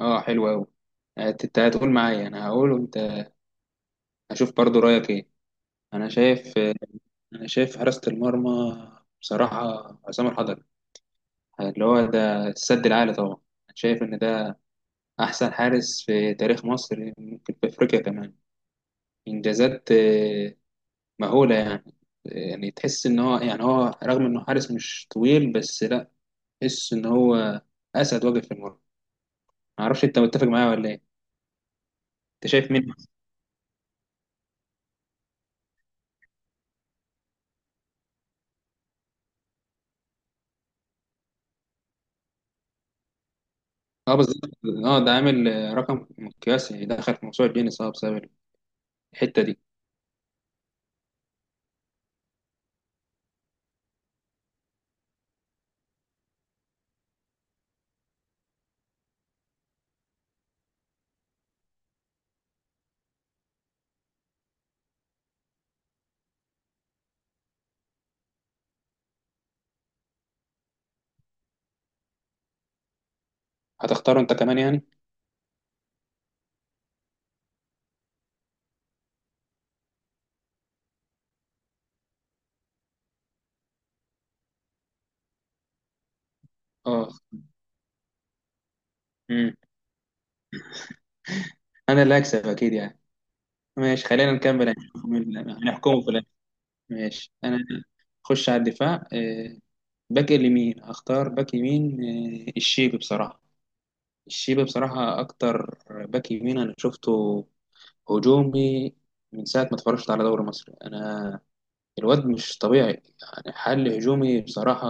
اه، حلو قوي. انت هتقول معايا، انا هقول وانت، هشوف برضو رايك ايه. انا شايف انا شايف حراسة المرمى بصراحة، عصام الحضري، اللي هو ده السد العالي. طبعا انا شايف ان ده احسن حارس في تاريخ مصر، ممكن في افريقيا كمان. انجازات مهولة يعني. يعني تحس ان هو رغم انه حارس مش طويل، بس لا، تحس ان هو اسد واقف في المرمى. معرفش انت متفق معايا ولا ايه. انت شايف مين؟ اه، بالظبط. اه، ده عامل رقم قياسي، دخل في موسوعة جينيس اه بسبب الحتة دي. هتختاره انت كمان يعني؟ اه. امم انا اللي هكسب اكيد يعني. ماشي، خلينا نكمل، هنشوف مين هنحكمه في الاخر. ماشي، انا اخش على الدفاع. باك اليمين، هختار باك يمين الشيبي بصراحة. الشيبي بصراحة اكتر باك يمين انا شفته هجومي من ساعة ما اتفرجت على دوري مصر. انا الواد مش طبيعي يعني، حل هجومي بصراحة.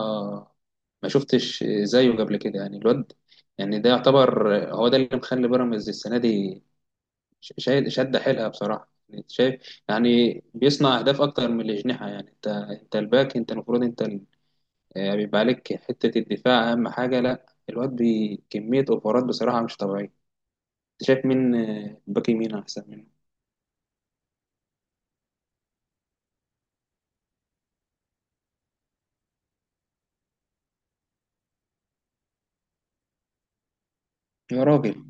ما شفتش زيه قبل كده يعني. الواد يعني ده يعتبر هو ده اللي مخلي بيراميدز السنة دي شايل شادة حيلها بصراحة يعني. أنت شايف يعني بيصنع أهداف أكتر من الأجنحة يعني. أنت الباك، أنت المفروض أنت بيبقى عليك حتة الدفاع أهم حاجة. لا، الواد كمية أوفرات بصراحة مش طبيعية. أنت شايف مين باك يمين أحسن منه؟ يا راجل.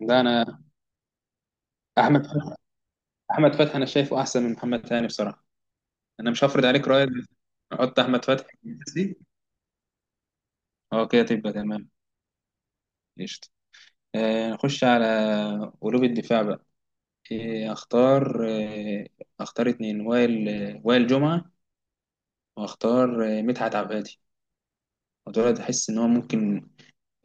ده أنا، أحمد فتحي- أحمد فتحي أنا شايفه أحسن من محمد هاني بصراحة. انا مش هفرض عليك رأيي، بس نحط احمد فتحي في الأساسي. اه، كده تبقى تمام. قشطة. نخش على قلوب الدفاع بقى. إيه اختار؟ اختار اتنين، وائل وائل جمعة، واختار مدحت عبادي. ودول احس ان هو ممكن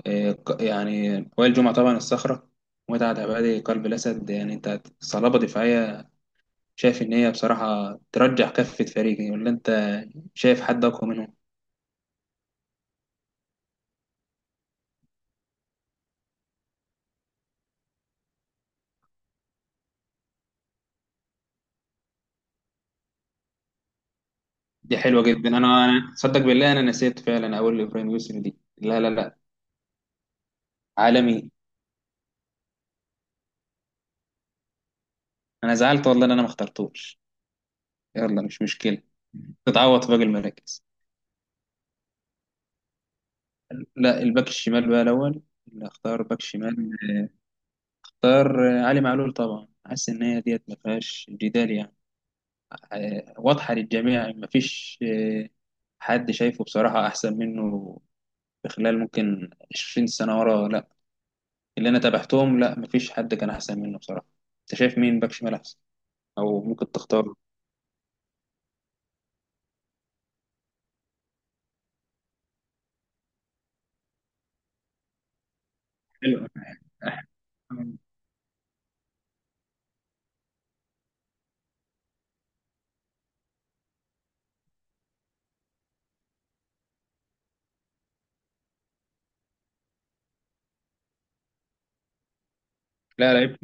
يعني وائل جمعة طبعا الصخرة، ومدحت عبادي قلب الاسد. يعني انت صلابة دفاعية، شايف ان هي بصراحة ترجح كفة فريقي، ولا انت شايف حد اقوى منهم؟ دي حلوه جدا. انا صدق بالله انا نسيت فعلا اقول لابراهيم يسري دي. لا لا لا، عالمي. انا زعلت والله ان انا ما اخترتوش. يلا، مش مشكله، تتعوض في باقي المراكز. لا، الباك الشمال بقى الاول. اللي اختار باك شمال، اختار علي معلول طبعا. حاسس ان هي ديت ما فيهاش جدال يعني. واضحه للجميع، ما فيش حد شايفه بصراحه احسن منه في خلال ممكن 20 سنه ورا. لا اللي انا تابعتهم، لا، ما فيش حد كان احسن منه بصراحه. انت شايف مين باك شمال احسن، او ممكن تختار؟ حلو. لا، لعيب،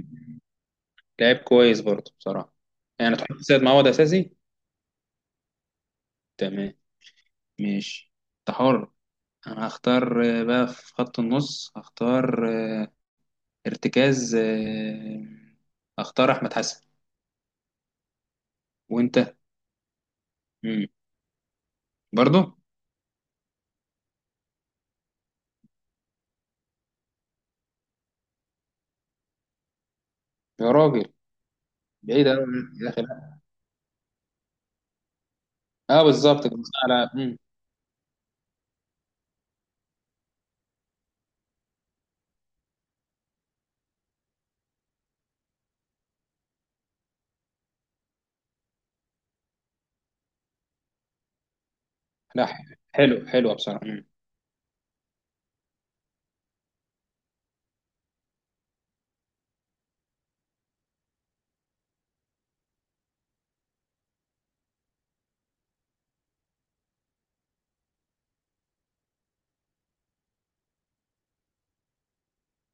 لعيب كويس برضه بصراحه. يعني تحط سيد معوض اساسي؟ تمام، ماشي، انت حر. انا هختار بقى في خط النص، هختار آه، ارتكاز آه، هختار احمد حسن. وانت؟ مم. برضه؟ يا راجل، بعيد أوي عن- يا اخي لا. اه بالظبط، كنت على لا، حلو حلو بصراحه.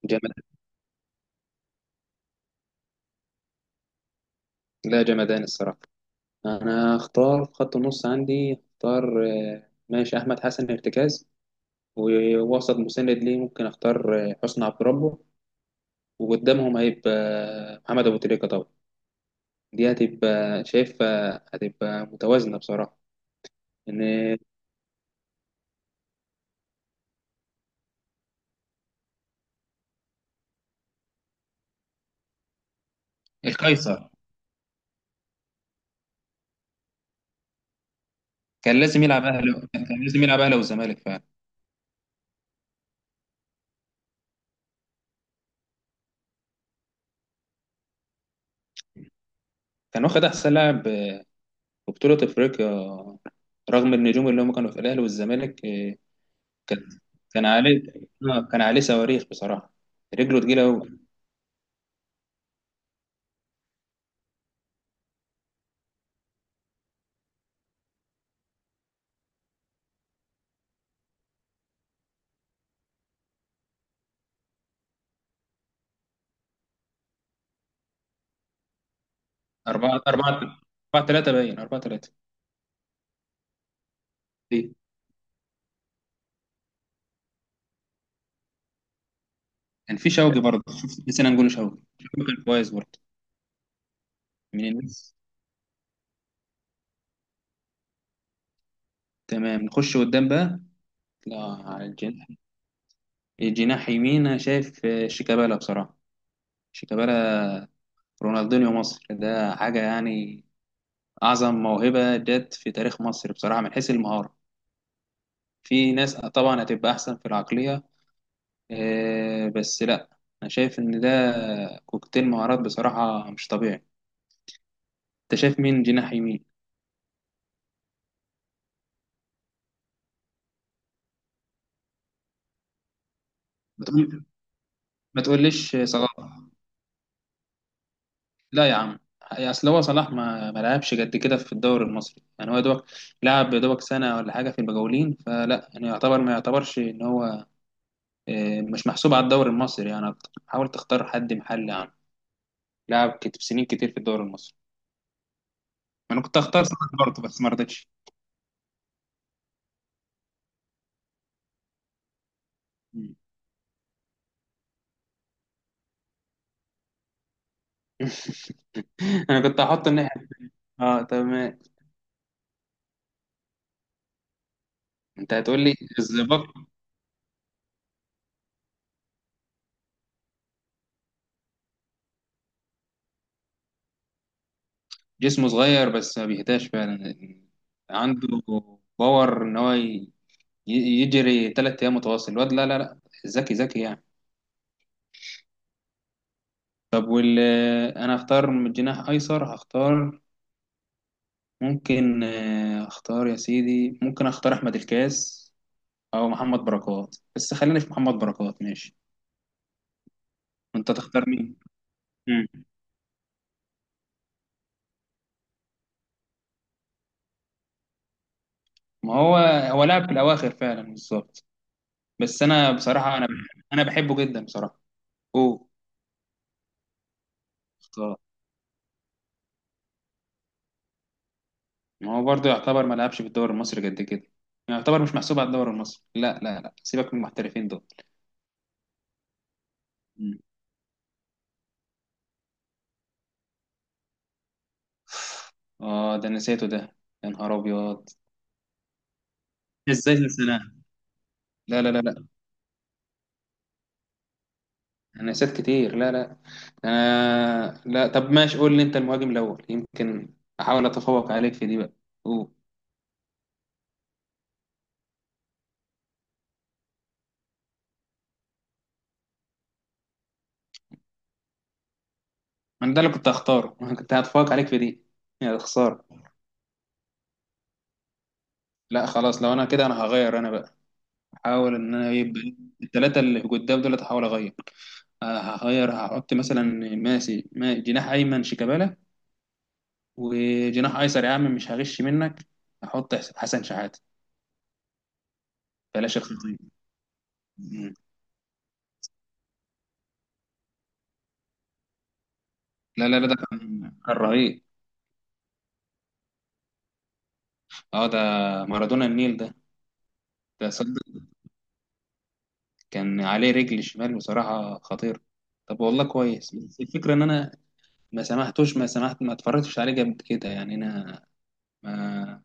جمد. لا، جمدان الصراحه. انا هختار في خط النص عندي، اختار ماشي احمد حسن ارتكاز، ووسط مساند ليه ممكن اختار حسني عبد ربه، وقدامهم هيبقى محمد ابو تريكة طبعا. دي هتبقى شايفها هتبقى متوازنه بصراحه. ان القيصر كان لازم يلعب اهلي، كان لازم يلعب اهلي والزمالك فعلا. كان واخد احسن لاعب في بطوله افريقيا رغم النجوم اللي هم كانوا في الاهلي والزمالك، إيه، كان كان عليه آه، كان عليه صواريخ بصراحه، رجله تقيله قوي. 4 4، 4 3، باين 4 3. كان في شوقي برضه، شوف نسينا نقول شوقي. شوقي كان كويس برضه، من الناس. تمام، نخش قدام بقى. لا، على الجناح. الجناح يمين أنا شايف شيكابالا بصراحة. شيكابالا رونالدينيو مصر، ده حاجة يعني. أعظم موهبة جت في تاريخ مصر بصراحة من حيث المهارة. في ناس طبعا هتبقى أحسن في العقلية بس لا، أنا شايف إن ده كوكتيل مهارات بصراحة مش طبيعي. أنت شايف مين جناح يمين؟ ما تقول- ما تقوليش صلاح. لا يا عم، يعني اصل هو صلاح ما لعبش قد كده في الدوري المصري يعني. هو يا دوبك لعب يا دوبك سنه ولا حاجه في المجاولين، فلا يعني يعتبر ما يعتبرش ان هو مش محسوب على الدوري المصري يعني أكتر. حاول تختار حد محلي عنه لعب سنين كتير في الدوري المصري. انا كنت هختار صلاح برضه بس ما رضيتش. مم. انا كنت هحط الناحيه. اه تمام. انت هتقول لي الزباق. جسمه صغير بس ما بيهداش فعلا، عنده باور ان هو يجري ثلاث ايام متواصل الواد. لا لا لا، ذكي ذكي يعني. طب انا هختار من الجناح ايسر، هختار ممكن اختار يا سيدي، ممكن اختار احمد الكاس او محمد بركات، بس خليني في محمد بركات ماشي. انت تختار مين؟ مم. ما هو، هو لعب في الاواخر فعلا بالظبط. بس انا بصراحه انا بحبه جدا بصراحه. اوه، اختار. ما هو برضه يعتبر ما لعبش في الدوري المصري قد كده، يعتبر مش محسوب على الدوري المصري. لا لا لا، سيبك من المحترفين دول. اه، ده نسيته ده، يا نهار ابيض. ازاي تنساه؟ لا لا لا لا، انا نسيت كتير، لا لا. انا لا، طب ماشي، قول لي انت المهاجم الاول، يمكن احاول اتفوق عليك في دي بقى. أوه. انا ده اللي كنت هختاره. انا كنت هتفوق عليك في دي، يا خساره. لا خلاص، لو انا كده انا هغير انا بقى، احاول ان انا يبقى الثلاثه اللي قدام دول هحاول اغير. هغير، هحط مثلا ماسي ما جناح ايمن شيكابالا، وجناح ايسر يا عم مش هغش منك، هحط حسن شحاته، بلاش الخطيه. مم. لا لا لا، ده كان، كان رهيب. اه ده مارادونا النيل ده. ده صدق كان عليه رجل شمال بصراحة خطير. طب والله كويس، بس الفكرة ان انا ما سمحتوش ما سمحت ما اتفرجتش عليه جامد كده يعني. انا ما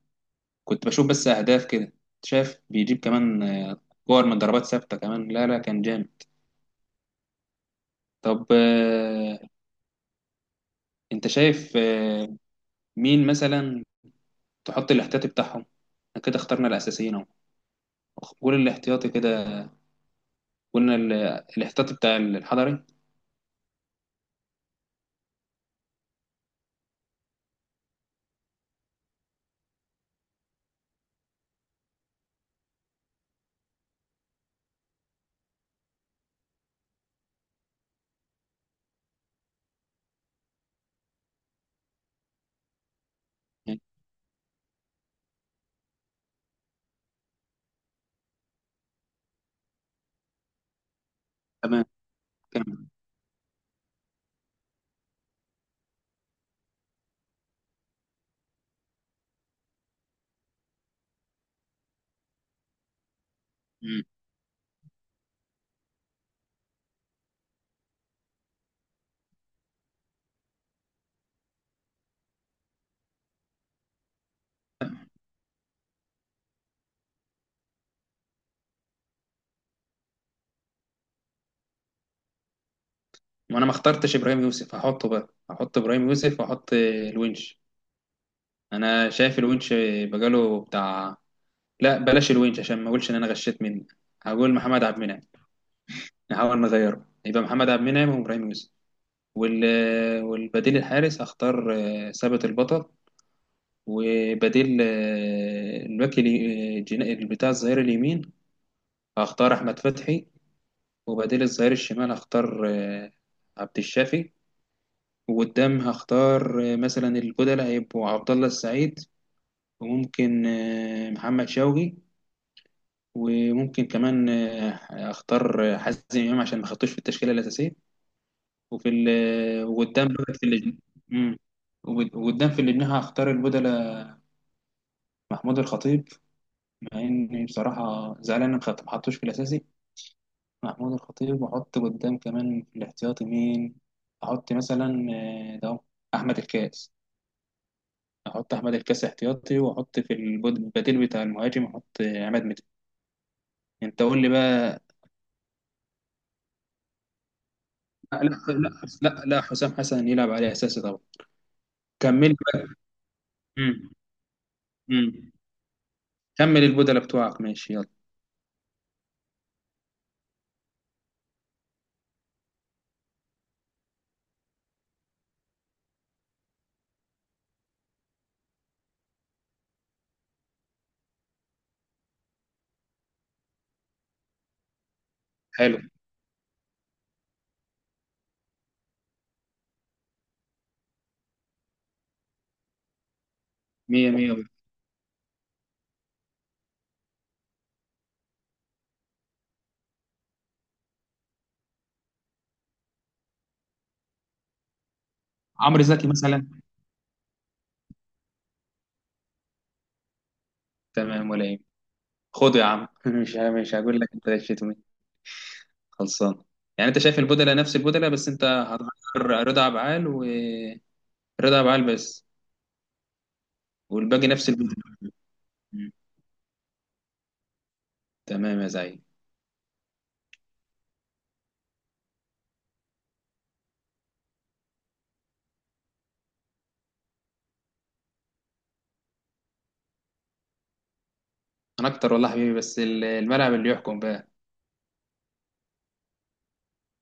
كنت بشوف بس اهداف كده، شايف بيجيب كمان كور من ضربات ثابتة كمان. لا لا، كان جامد. طب انت شايف مين مثلا تحط الاحتياطي بتاعهم؟ احنا كده اخترنا الاساسيين اهو، قول الاحتياطي كده. قلنا الاحتياطي بتاع الحضري. يعني. تمام، كمل. مم. وانا ما اخترتش ابراهيم يوسف، هحطه بقى، هحط ابراهيم يوسف واحط الونش. انا شايف الونش بقاله بتاع، لا بلاش الونش عشان ما اقولش ان انا غشيت منه، هقول محمد عبد المنعم. نحاول نغيره، يبقى محمد عبد المنعم وابراهيم يوسف. وال... والبديل الحارس اختار ثابت البطل. وبديل بتاع الظهير اليمين هختار احمد فتحي. وبديل الظهير الشمال هختار عبد الشافي. وقدام هختار مثلا البودلة هيبقوا عبد الله السعيد، وممكن محمد شوقي، وممكن كمان اختار حازم امام عشان ما خدتوش في التشكيله الاساسيه. وفي ال- آه، وقدام بقى في الجناح، وقدام في الجناح هختار البودلة محمود الخطيب، مع اني بصراحه زعلان إن ما حطوش في الاساسي، محمود الخطيب. واحط قدام كمان في الاحتياطي مين؟ احط مثلا ده أهو، احمد الكاس، احط احمد الكاس احتياطي، واحط في البديل بتاع المهاجم احط عماد متعب. انت قول لي بقى. لا لا لا لا، حسام حسن يلعب عليه اساسي طبعا. كمل لي بقى. امم امم كمل البدلة بتوعك ماشي، يلا. حلو، مية مية بقى. عمرو زكي مثلا؟ تمام، ولا ايه؟ خده يا عم. مش مش هقول لك انت ليش خلصان. يعني انت شايف البدلة نفس البدلة، بس انت هتغير رضا عبعال، ورضا عبعال بس، والباقي نفس البدلة. مم. تمام يا زعيم. انا اكتر والله حبيبي، بس الملعب اللي يحكم بقى.